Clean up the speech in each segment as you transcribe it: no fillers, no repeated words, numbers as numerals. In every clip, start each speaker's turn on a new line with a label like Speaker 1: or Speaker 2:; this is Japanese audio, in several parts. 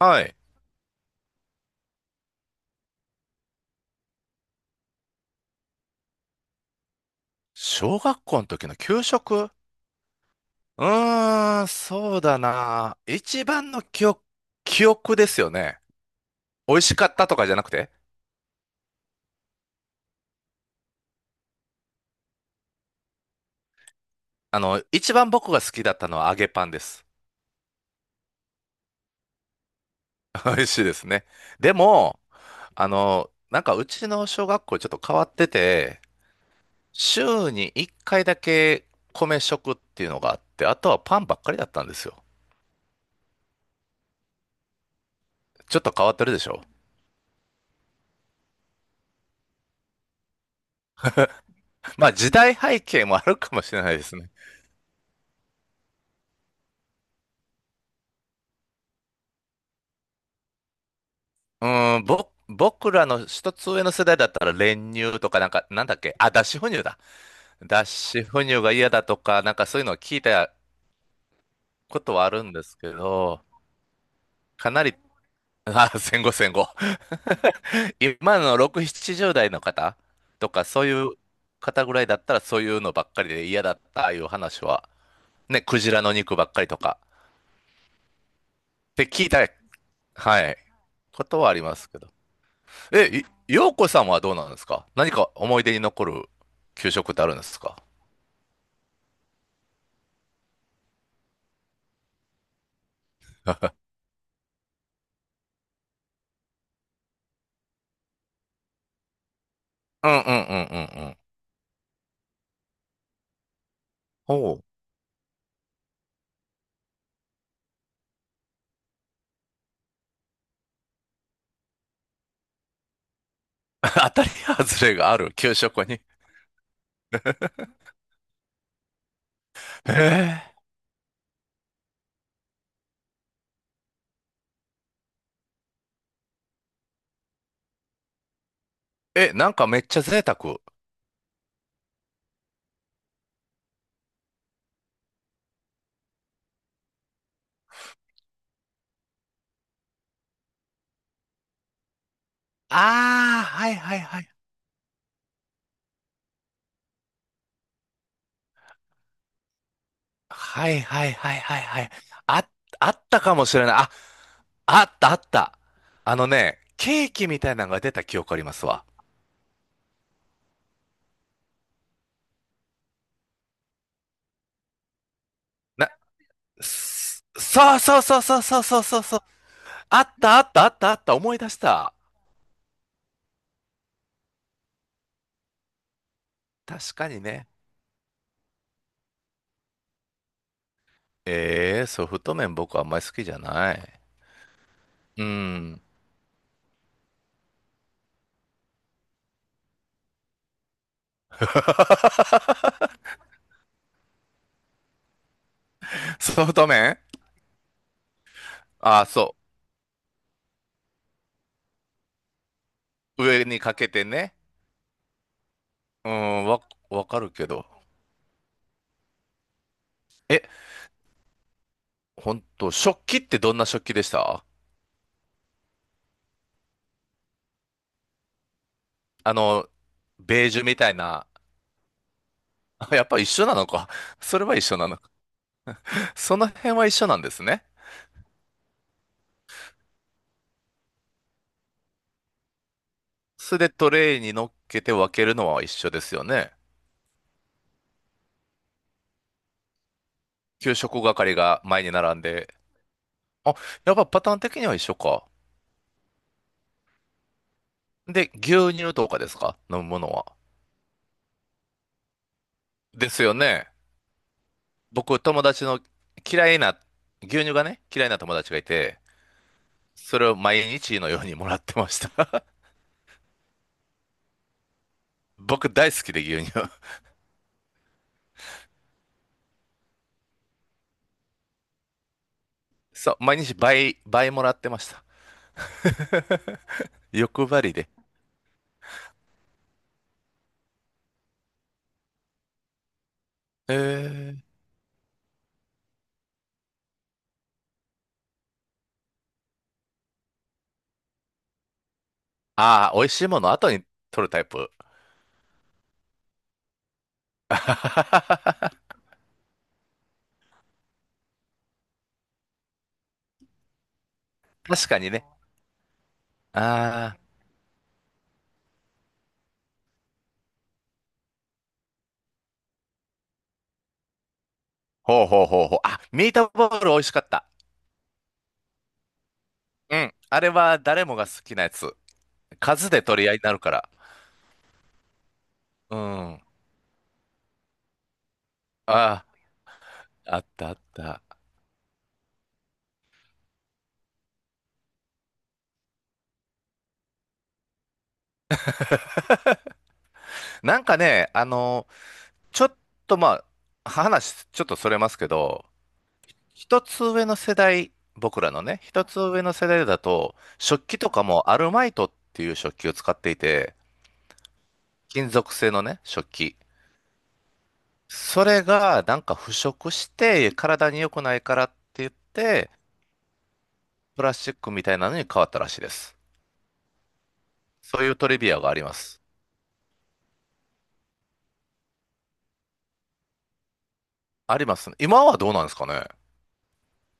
Speaker 1: はい。小学校の時の給食。うーん、そうだな。一番の記憶ですよね。美味しかったとかじゃなくて、一番僕が好きだったのは揚げパンです。美味しいですね。でも、なんかうちの小学校ちょっと変わってて、週に1回だけ米食っていうのがあって、あとはパンばっかりだったんですよ。ちょっと変わってるでしょ。まあ時代背景もあるかもしれないですね。うん、僕らの一つ上の世代だったら練乳とかなんか、なんだっけ、あ、脱脂粉乳だ。脱脂粉乳が嫌だとか、なんかそういうのを聞いたことはあるんですけど、かなり、あ、戦後戦後。今の6、70代の方とか、そういう方ぐらいだったらそういうのばっかりで嫌だったいう話は、ね、クジラの肉ばっかりとか、って聞いた、はい、ことはありますけど。え、いようこさんはどうなんですか？何か思い出に残る給食ってあるんですか？うんうんうんうんうん。おう。当たり外れがある給食に。えええ、なんかめっちゃ贅沢。ああ、はいはいはい。はいはいはいはいはい。あ、あったかもしれない。あ、あったあった。あのね、ケーキみたいなのが出た記憶ありますわ。な、そうそうそうそうそうそうそうそう。あったあったあったあった。思い出した。確かにね。ええーソフト麺僕あんまり好きじゃない。うん。ソフト麺。ああ、そう。上にかけてね。うん、わかるけど。え、ほんと、食器ってどんな食器でした？あの、ベージュみたいな。あ、やっぱ一緒なのか。それは一緒なのか。その辺は一緒なんですね。それでトレイに乗っけて分けるのは一緒ですよね。給食係が前に並んで。あ、やっぱパターン的には一緒か。で、牛乳とかですか？飲むものは。ですよね。僕、友達の嫌いな、牛乳がね、嫌いな友達がいて、それを毎日のようにもらってました。僕大好きで牛乳。そう、毎日倍、倍もらってました。欲張りで。えー、ああ、美味しいもの後に取るタイプ。確かにね。ああ、ほうほうほうほう。あ、ミートボール美味しかった。うん。あれは誰もが好きなやつ。数で取り合いになるから。うん。ああ、あったあった。なんかね、ちょっとまあ、話、ちょっとそれますけど、一つ上の世代、僕らのね、一つ上の世代だと、食器とかもアルマイトっていう食器を使っていて、金属製のね、食器。それがなんか腐食して体に良くないからって言って、プラスチックみたいなのに変わったらしいです。そういうトリビアがあります。ありますね。今はどうなんですかね？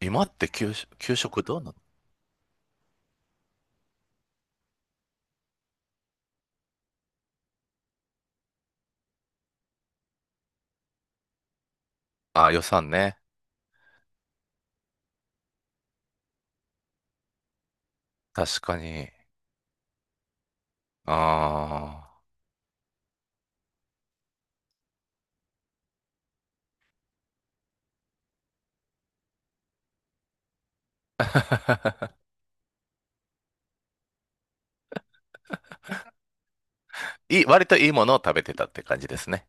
Speaker 1: 今って給食、給食どうなの？あ、予算ね。確かに。ああ。割といいものを食べてたって感じですね。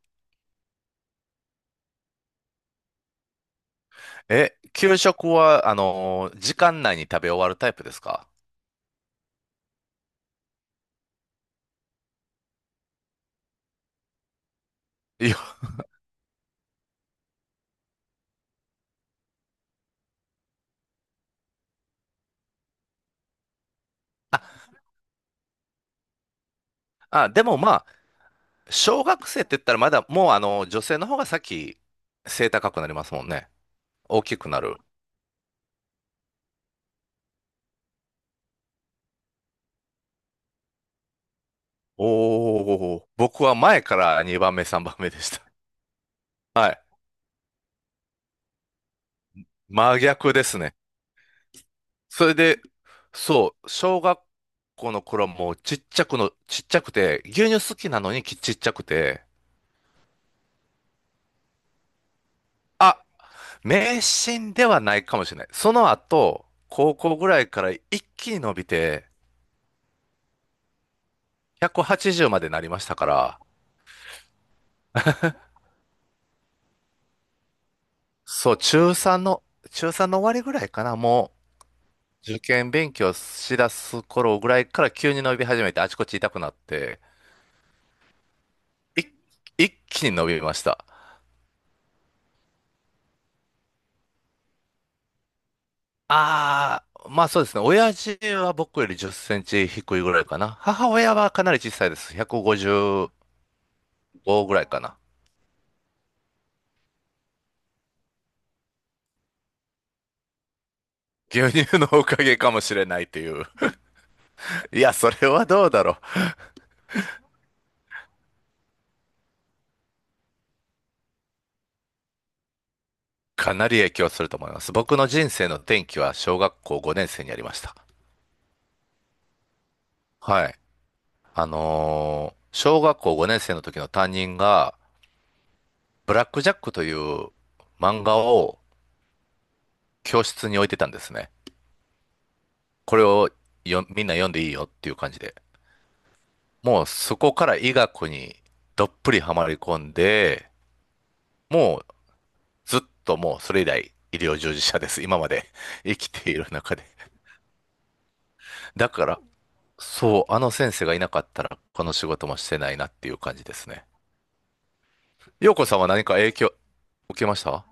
Speaker 1: え、給食は、時間内に食べ終わるタイプですか？いや、あ、あ、でもまあ、小学生って言ったらまだ、もう女性の方が先、背高くなりますもんね。大きくなる。おー、僕は前から2番目、3番目でした。はい。真逆ですね。それで、そう、小学校の頃もちっちゃくて、牛乳好きなのにきちっちゃくて、あ、迷信ではないかもしれない。その後、高校ぐらいから一気に伸びて、180までなりましたから、そう、中3の終わりぐらいかな、もう、受験勉強しだす頃ぐらいから急に伸び始めて、あちこち痛くなって、い一気に伸びました。ああ、まあそうですね。親父は僕より10センチ低いぐらいかな。母親はかなり小さいです。155ぐらいかな。牛乳のおかげかもしれないという。いや、それはどうだろう。かなり影響すると思います。僕の人生の転機は小学校5年生にありました。はい。小学校5年生の時の担任が、ブラックジャックという漫画を教室に置いてたんですね。これをよみんな読んでいいよっていう感じで。もうそこから医学にどっぷりはまり込んで、もうずっとそれ以来医療従事者です。今まで 生きている中で。だからそう、あの先生がいなかったら、この仕事もしてないなっていう感じですね。陽子さんは何か影響受けました？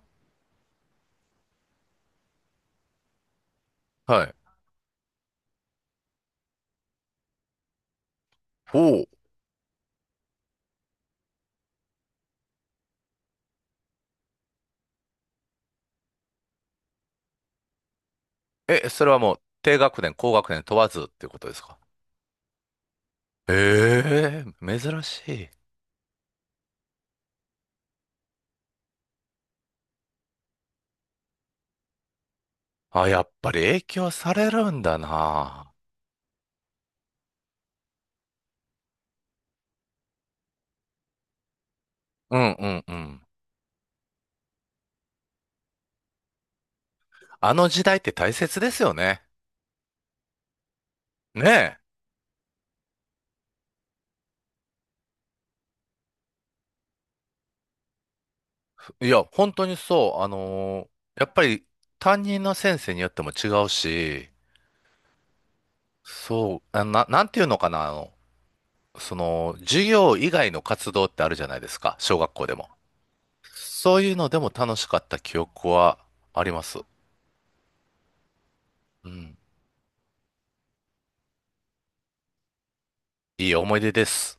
Speaker 1: はい。おお。え、それはもう、低学年、高学年問わずっていうことですか？ええ珍しい。あ、やっぱり影響されるんだな。うんうんうん。あの時代って大切ですよね。ねえ。いや、本当にそう。やっぱり担任の先生によっても違うし、そう、なんていうのかな。授業以外の活動ってあるじゃないですか、小学校でも。そういうのでも楽しかった記憶はあります。うん。いい思い出です。